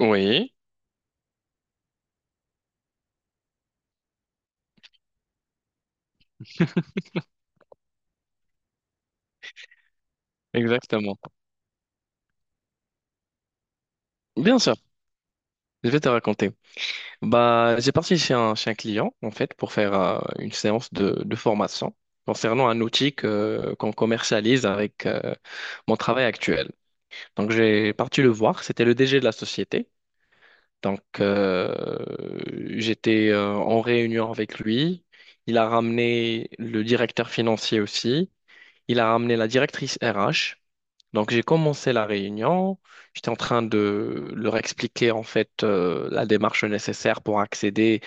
Oui, exactement. Bien sûr, je vais te raconter. Bah, j'ai parti chez un client, en fait, pour faire une séance de formation concernant un outil qu'on commercialise avec mon travail actuel. Donc, j'ai parti le voir. C'était le DG de la société. Donc, j'étais en réunion avec lui. Il a ramené le directeur financier aussi. Il a ramené la directrice RH. Donc j'ai commencé la réunion, j'étais en train de leur expliquer en fait la démarche nécessaire pour accéder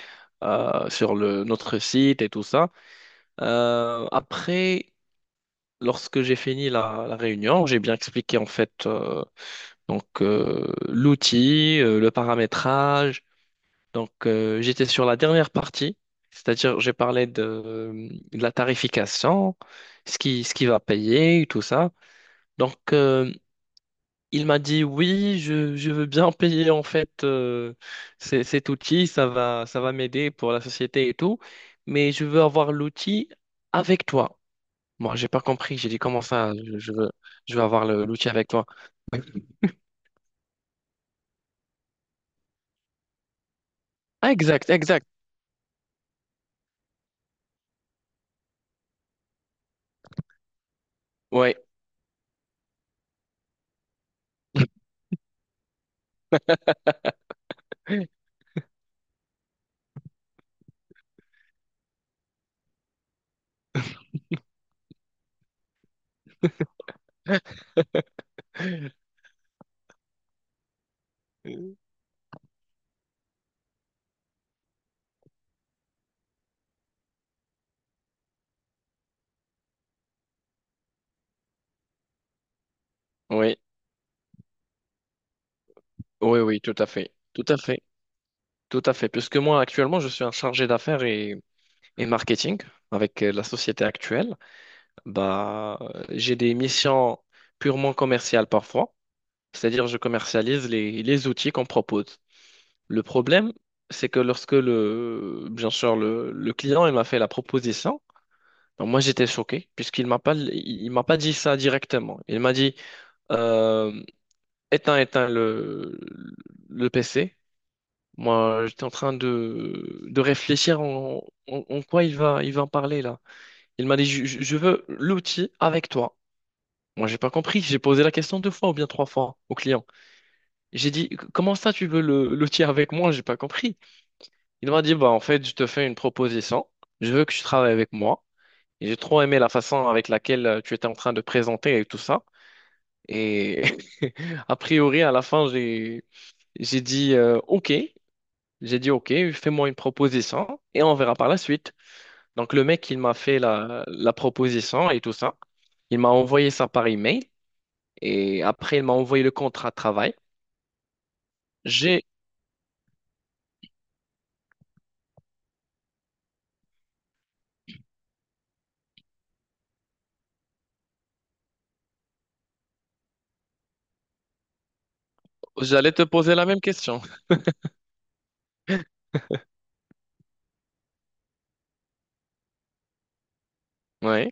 notre site et tout ça. Après, lorsque j'ai fini la réunion, j'ai bien expliqué en fait donc l'outil, le paramétrage. Donc j'étais sur la dernière partie, c'est-à-dire j'ai parlé de la tarification, ce qui va payer, tout ça. Donc, il m'a dit oui, je veux bien payer en fait cet outil, ça va m'aider pour la société et tout, mais je veux avoir l'outil avec toi. Moi, j'ai pas compris, j'ai dit comment ça, je veux avoir l'outil avec toi. Ah, exact, exact, ouais, oui, oui, oui, tout à fait, tout à fait, tout à fait, puisque moi actuellement je suis un chargé d'affaires et marketing avec la société actuelle. Bah, j'ai des missions purement commerciales parfois, c'est-à-dire je commercialise les outils qu'on propose. Le problème, c'est que lorsque bien sûr, le client il m'a fait la proposition, ben moi j'étais choqué puisqu'il m'a pas, il m'a pas dit ça directement. Il m'a dit euh, éteins le PC. Moi, j'étais en train de réfléchir en quoi il va en parler là. Il m'a dit je veux l'outil avec toi. Moi, j'ai pas compris. J'ai posé la question deux fois ou bien trois fois au client. J'ai dit, comment ça tu veux le l'outil avec moi? J'ai pas compris. Il m'a dit, bah en fait, je te fais une proposition. Je veux que tu travailles avec moi. Et j'ai trop aimé la façon avec laquelle tu étais en train de présenter et tout ça. Et a priori, à la fin, j'ai dit, ok. J'ai dit, ok, fais-moi une proposition et on verra par la suite. Donc le mec, il m'a fait la proposition et tout ça. Il m'a envoyé ça par email et après, il m'a envoyé le contrat de travail. J'ai, j'allais te poser la même question. Oui,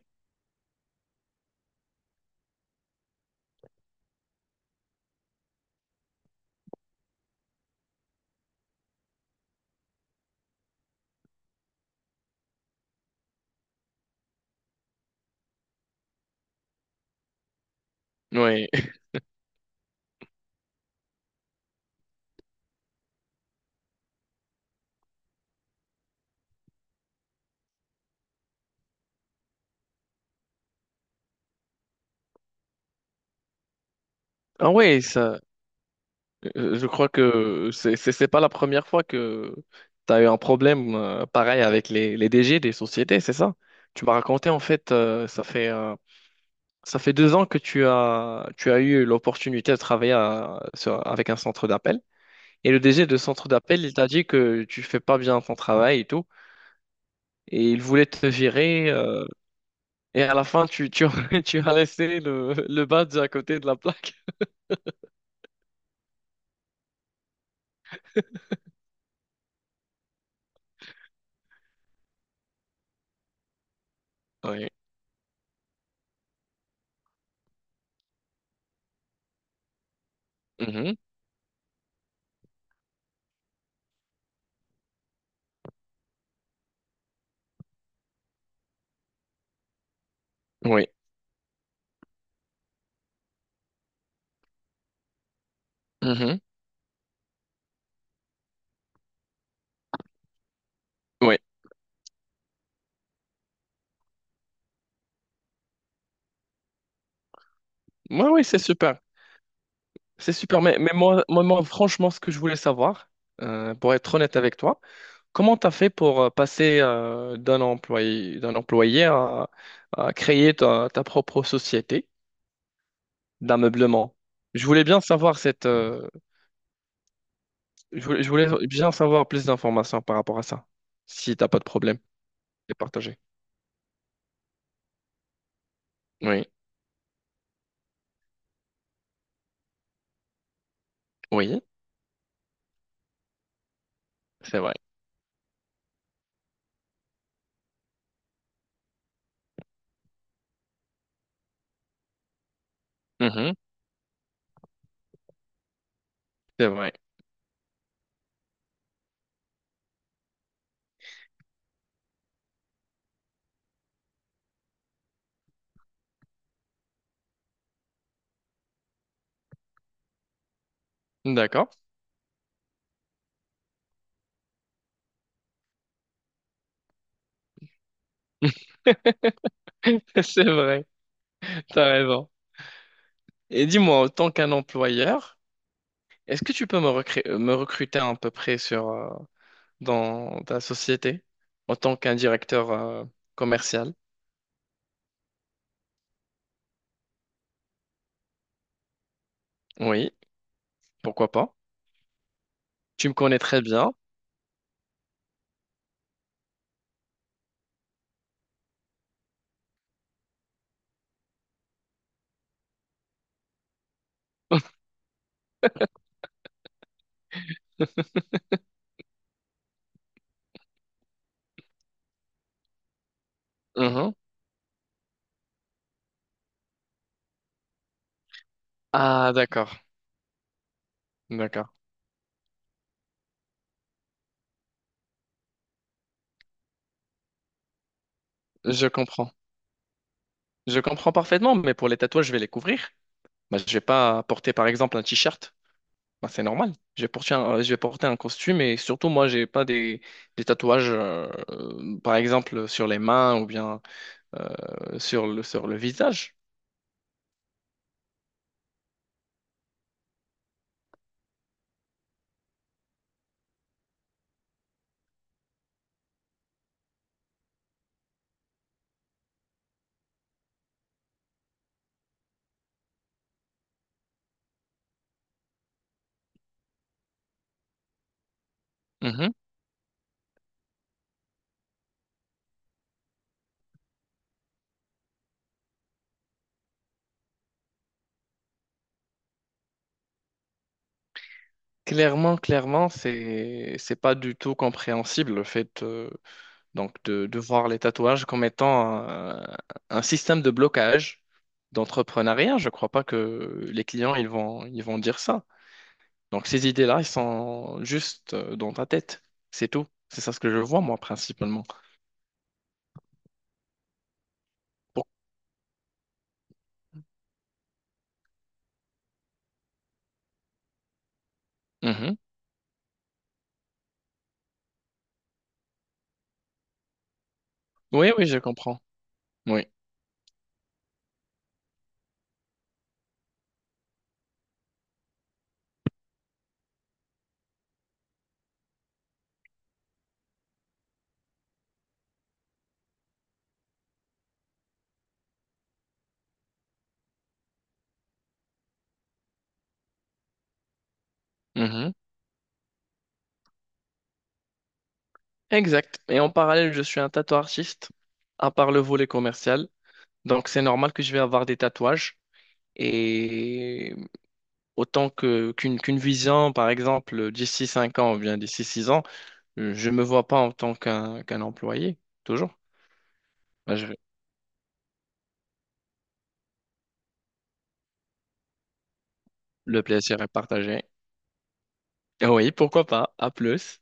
oui. Ah oui, ça, je crois que c'est pas la première fois que tu as eu un problème pareil avec les DG des sociétés, c'est ça? Tu m'as raconté, en fait, ça fait 2 ans que tu as eu l'opportunité de travailler avec un centre d'appel. Et le DG de centre d'appel, il t'a dit que tu fais pas bien ton travail et tout. Et il voulait te virer. Et à la fin, tu as laissé le badge à côté de la plaque. Oui. Mhm. Oui. Mhm. Oui. Moi, oui, c'est super. C'est super. Mais moi, franchement, ce que je voulais savoir, pour être honnête avec toi, comment tu as fait pour passer d'un employé à créer ta propre société d'ameublement? Je voulais bien savoir cette, je voulais bien savoir plus d'informations par rapport à ça, si t'as pas de problème de partager. Oui, oui, c'est vrai. Mhm. C'est vrai. D'accord. C'est vrai. T'as raison. Et dis-moi, en tant qu'un employeur, est-ce que tu peux me recruter à peu près dans ta société en tant qu'un directeur commercial? Oui, pourquoi pas? Tu me connais très bien. Mhm. Ah, d'accord, d'accord. Je comprends. Je comprends parfaitement, mais pour les tatouages, je vais les couvrir. Bah, je vais pas porter, par exemple, un t-shirt. Bah, c'est normal. Je vais porter je vais porter un costume et surtout, moi, j'ai pas des tatouages, par exemple, sur les mains ou bien sur le visage. Mhm. Clairement, clairement, c'est pas du tout compréhensible le fait donc de voir les tatouages comme étant un système de blocage d'entrepreneuriat. Je crois pas que les clients ils vont dire ça. Donc ces idées-là, elles sont juste dans ta tête. C'est tout. C'est ça ce que je vois, moi, principalement. Pour- Mhm. Oui, oui, je comprends. Oui. Mhm. Exact. Et en parallèle, je suis un tatoueur artiste, à part le volet commercial. Donc c'est normal que je vais avoir des tatouages. Et autant que qu'une qu'une vision, par exemple, d'ici 5 ans ou bien d'ici 6 ans, je ne me vois pas en tant qu'un employé. Toujours. Bah. Le plaisir est partagé. Oui, pourquoi pas. À plus.